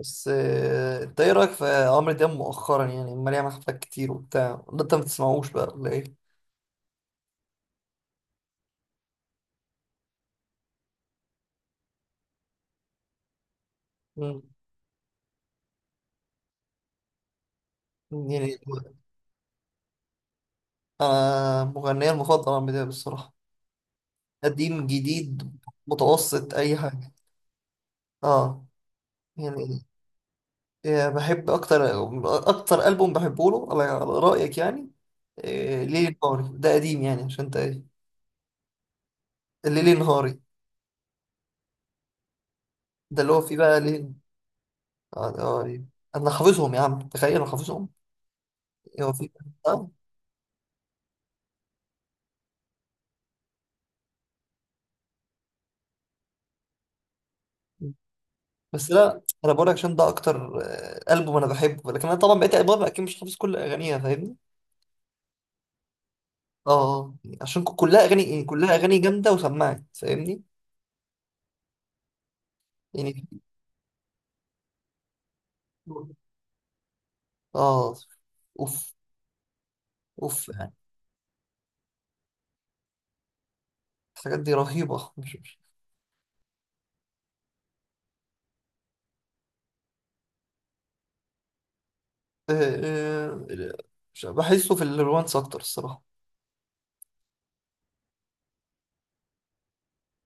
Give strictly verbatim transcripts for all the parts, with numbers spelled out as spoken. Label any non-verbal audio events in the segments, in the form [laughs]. بس آه، انت ايه رايك في عمرو دياب مؤخرا؟ يعني عمال يعمل حفلات كتير وبتاع، ولا انت ما بتسمعوش بقى ولا ايه؟ مم. يعني انا مغنيه المفضل عمرو دياب الصراحه، قديم جديد متوسط اي حاجه. اه يعني. آه، بحب اكتر اكتر البوم بحبه له، على على رايك يعني. آه، ليلي نهاري، ده قديم يعني، عشان انت ايه. ليلي نهاري ده اللي هو فيه بقى ليل. آه، آه، انا حافظهم يا عم، تخيل انا حافظهم. هو فيه. آه. بس لا انا بقول لك عشان ده اكتر آه، البوم انا بحبه، لكن انا طبعا بقيت البوم اكيد مش حافظ كل اغانيها، فاهمني. اه آه. عشان ك- كلها اغاني يعني، كلها اغاني جامده وسمعت فاهمني. يعني [laughs] اه اوف اوف يعني. الحاجات دي رهيبه، مش مش. آه، آه، مش- بحسه في الرومانس اكتر الصراحه.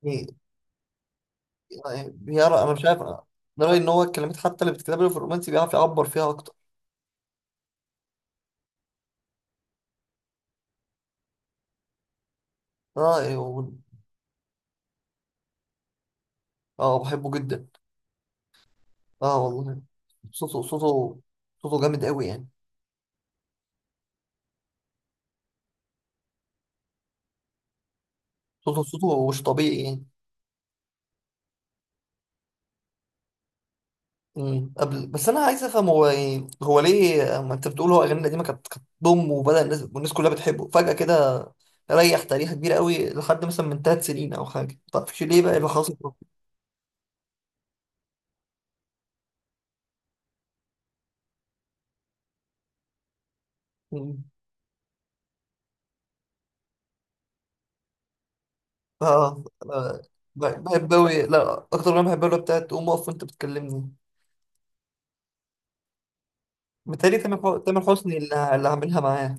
يعني يعني بيعرف، انا مش عارف، انا رايي ان هو الكلمات حتى اللي بتتكتب له في الرومانسي بيعرف يعبر فيها اكتر. اه آه، اه بحبه جدا. اه والله. صوته صوته. صوته جامد قوي يعني. صوته صوته مش طبيعي يعني. امم قبل، بس انا عايز افهم، هو يعني هو ليه، ما انت بتقول هو اغاني القديمه كانت كانت بوم، وبدا الناس والناس كلها بتحبه فجاه كده، ريح تاريخ كبيره قوي لحد مثلا من ثلاث سنين او حاجه. ما تعرفش ليه بقى إيه اللي حاصل؟ أمم. اه آه، ب- بحب قوي. لا، اكتر اغنيه بحبها اللي بتاعت قوم اقف وانت بتكلمني، متهيألي تامر حو- تامر حسني اللي اللي عاملها معاه.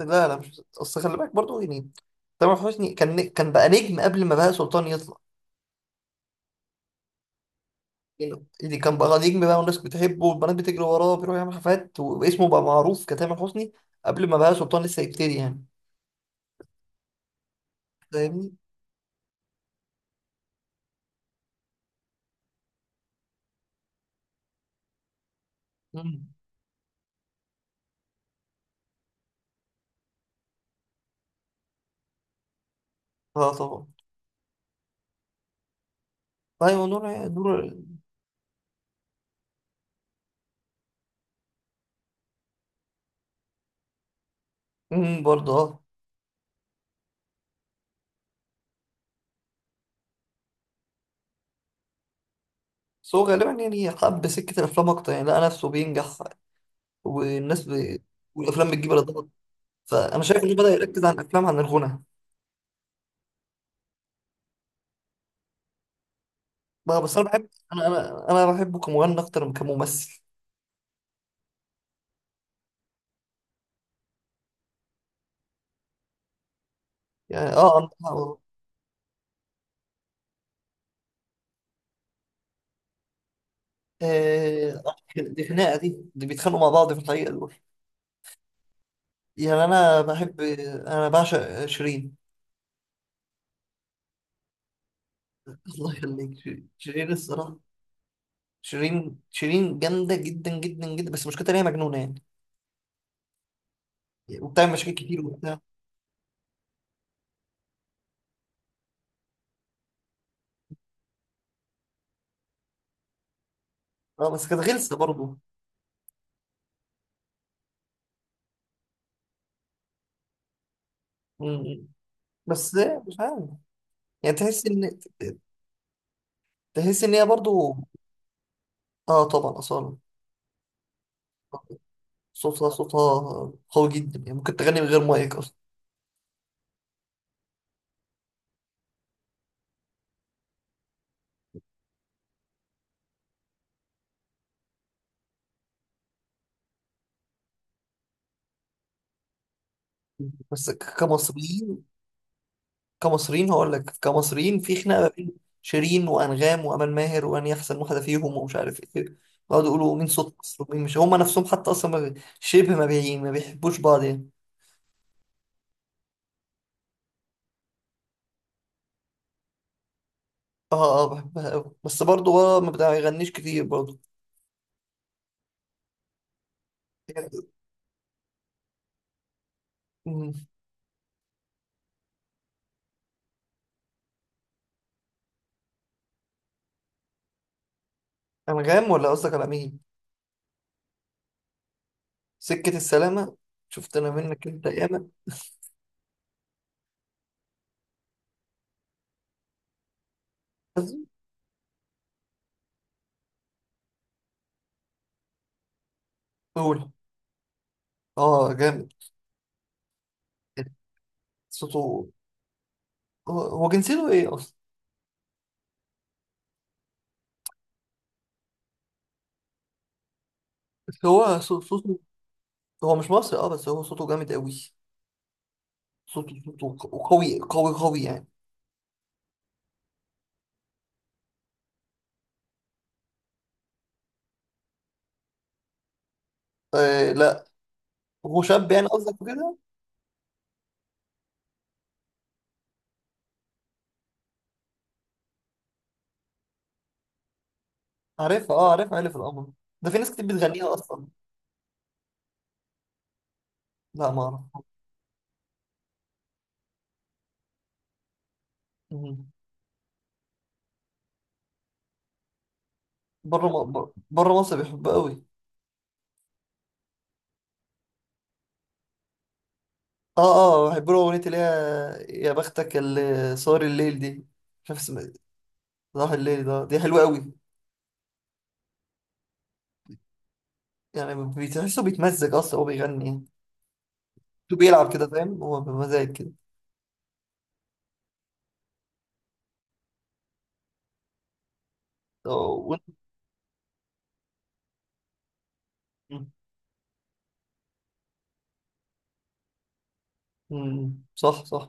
لا لا، مش اصل خلي بالك برضه يعني، تامر حسني كان كان بقى نجم قبل ما بهاء سلطان يطلع. اللي كان بقى نجم بقى، والناس بتحبه والبنات بتجري وراه، بيروح يعمل حفلات واسمه بقى معروف كتامر حسني، قبل ما بقى سلطان لسه يبتدي يعني. فاهمني؟ مم. اه طبعا. ايوه نور. نور. مم، برضه اه. بس هو غالبا يعني حب سكة الأفلام أكتر، يعني لقى نفسه بينجح والناس ب... والأفلام بتجيب إيرادات، فأنا شايف إنه بدأ يركز على الأفلام عن الغنى بقى. بس أنا بحب أنا أنا أنا بحبه كمغني أكتر من كممثل يعني. اه عندها. آه، آه، دي خناقة، دي دي بيتخانقوا مع بعض في الحقيقة دول يعني. انا بحب انا بعشق شيرين. [laughs] الله يخليك، شيرين شيرين الصراحه. شيرين شيرين جامده جدا جدا جدا، بس مشكلتها ان هي مجنونه يعني، وبتعمل مشاكل كتير وبتاع. اه بس كانت غلسه برضه. م- بس مش عارف يعني. تحس ان تحس ان هي برضه. اه طبعا اصلا. صوتها صوتها قوي جدا يعني، ممكن تغني من غير مايك اصلا. بس ك- كمصريين كمصريين هقول لك، كمصريين في خناقه ما بين شيرين وانغام وامل ماهر، وان يحسن واحده فيهم ومش عارف ايه، يقعدوا يقولوا مين صوت مصر ومين مش، هم نفسهم حتى اصلا ما بي- شبه ما بي... ما بيحبوش بعض يعني. اه اه، آه، بحبها قوي، بس برضه هو ما بيغنيش كتير برضه. مم. انغام، ولا قصدك على مين؟ سكه السلامه. شفت انا منك انت ياما. بس قول. اه جامد، صوته. هو هو جنسيته ايه اصلا؟ بس هو صو- صوته. هو مش مصري، اه بس هو صوته جامد قوي. صوته صوته قوي قوي قوي يعني. آه لا. هو شاب يعني قصدك كده؟ عارفها، اه عارفها، عارف القمر، ده في ناس كتير بتغنيها اصلا. لا ما اعرف. مم. بره م... بر- بره مصر بيحبها قوي. اه اه، بحب له اغنيه اللي هي يا بختك اللي صار الليل دي. مش عارف اسمها إيه. صباح الليل، ده دي حلوه قوي يعني. بتحسه بيتمزج اصلا هو بيغني يعني، بيلعب كده فاهم، هو بمزاج كده. آه، و... مم. مم. صح صح.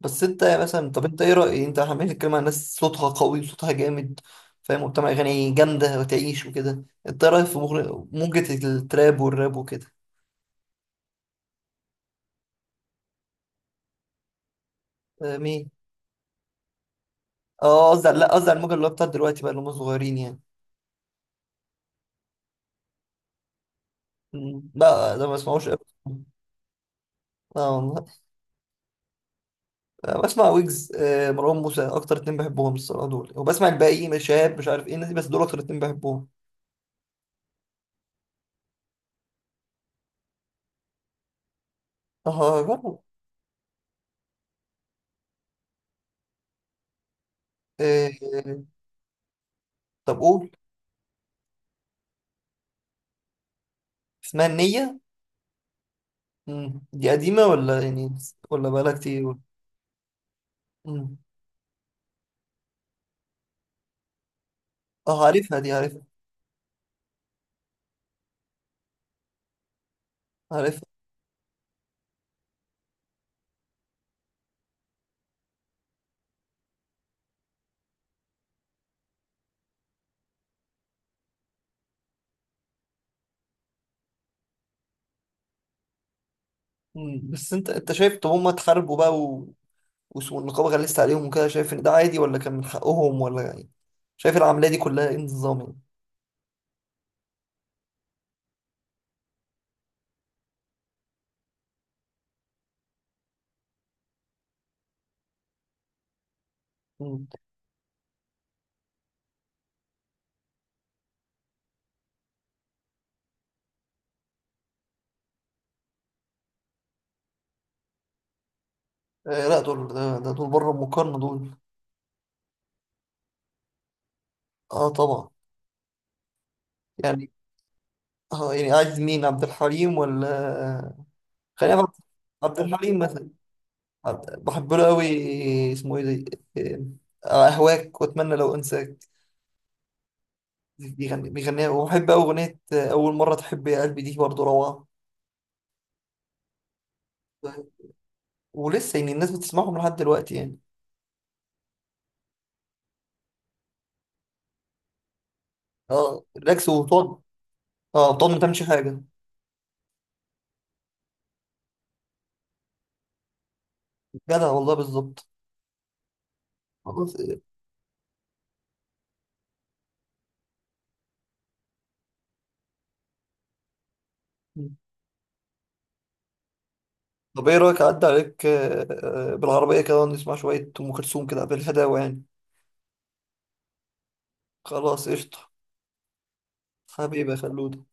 بس انت مثلا، طب انت ايه رأي، انت عمال تتكلم عن ناس صوتها قوي وصوتها جامد فاهم وبتعمل اغاني جامدة وتعيش وكده، انت إيه رأيك في مغر- موجة التراب والراب وكده؟ اه، مين؟ اه، قصدي على- لا، قصدي على الموجة اللي هو بتاعت دلوقتي بقى، اللي هم صغيرين يعني. مم، لا ده ما بسمعوش قوي. اه والله. اه، بسمع ويجز، اه، مروان موسى، اكتر اتنين بحبهم الصراحة دول، وبسمع الباقي، مش شهاب، مش عارف ايه الناس دي، بس دول اكتر اتنين بحبهم. اه جرب. اه، طب قول. اسمها النية؟ مم. دي قديمة ولا يعني، ولا بقالها كتير؟ مم. اه عارفها، دي عارفها. عارفها. مم. بس انت انت شايف، طب هما اتحاربوا بقى و... وس- والنقابة غلست عليهم وكده، شايف ان ده عادي ولا كان من حقهم، ولا يعني، شايف العملية دي كلها ايه النظام يعني؟ مم. آه لا، دول، ده, ده دول بره المقارنة دول. اه طبعا. يعني اه يعني عايز مين، عبد الحليم ولا؟ آه، خلينا في عبد عبد الحليم مثلا. عبد- بحب له قوي. اسمه ايه ده؟ آه، اهواك، واتمنى لو انساك. بيغني بيغنيها، وبحب أوي أغنية أول مرة تحب يا قلبي دي برضه روعة. ولسه يعني الناس بتسمعهم لحد دلوقتي يعني. اه ريلاكس وطن. اه طن ما تعملش حاجة. جدع والله، بالظبط. خلاص إيه. طب ايه رأيك، أعدي عليك آه، آه، بالعربية كده ونسمع شوية أم كلثوم كده بالهداوة يعني. خلاص قشطة. حبيبي يا خلود.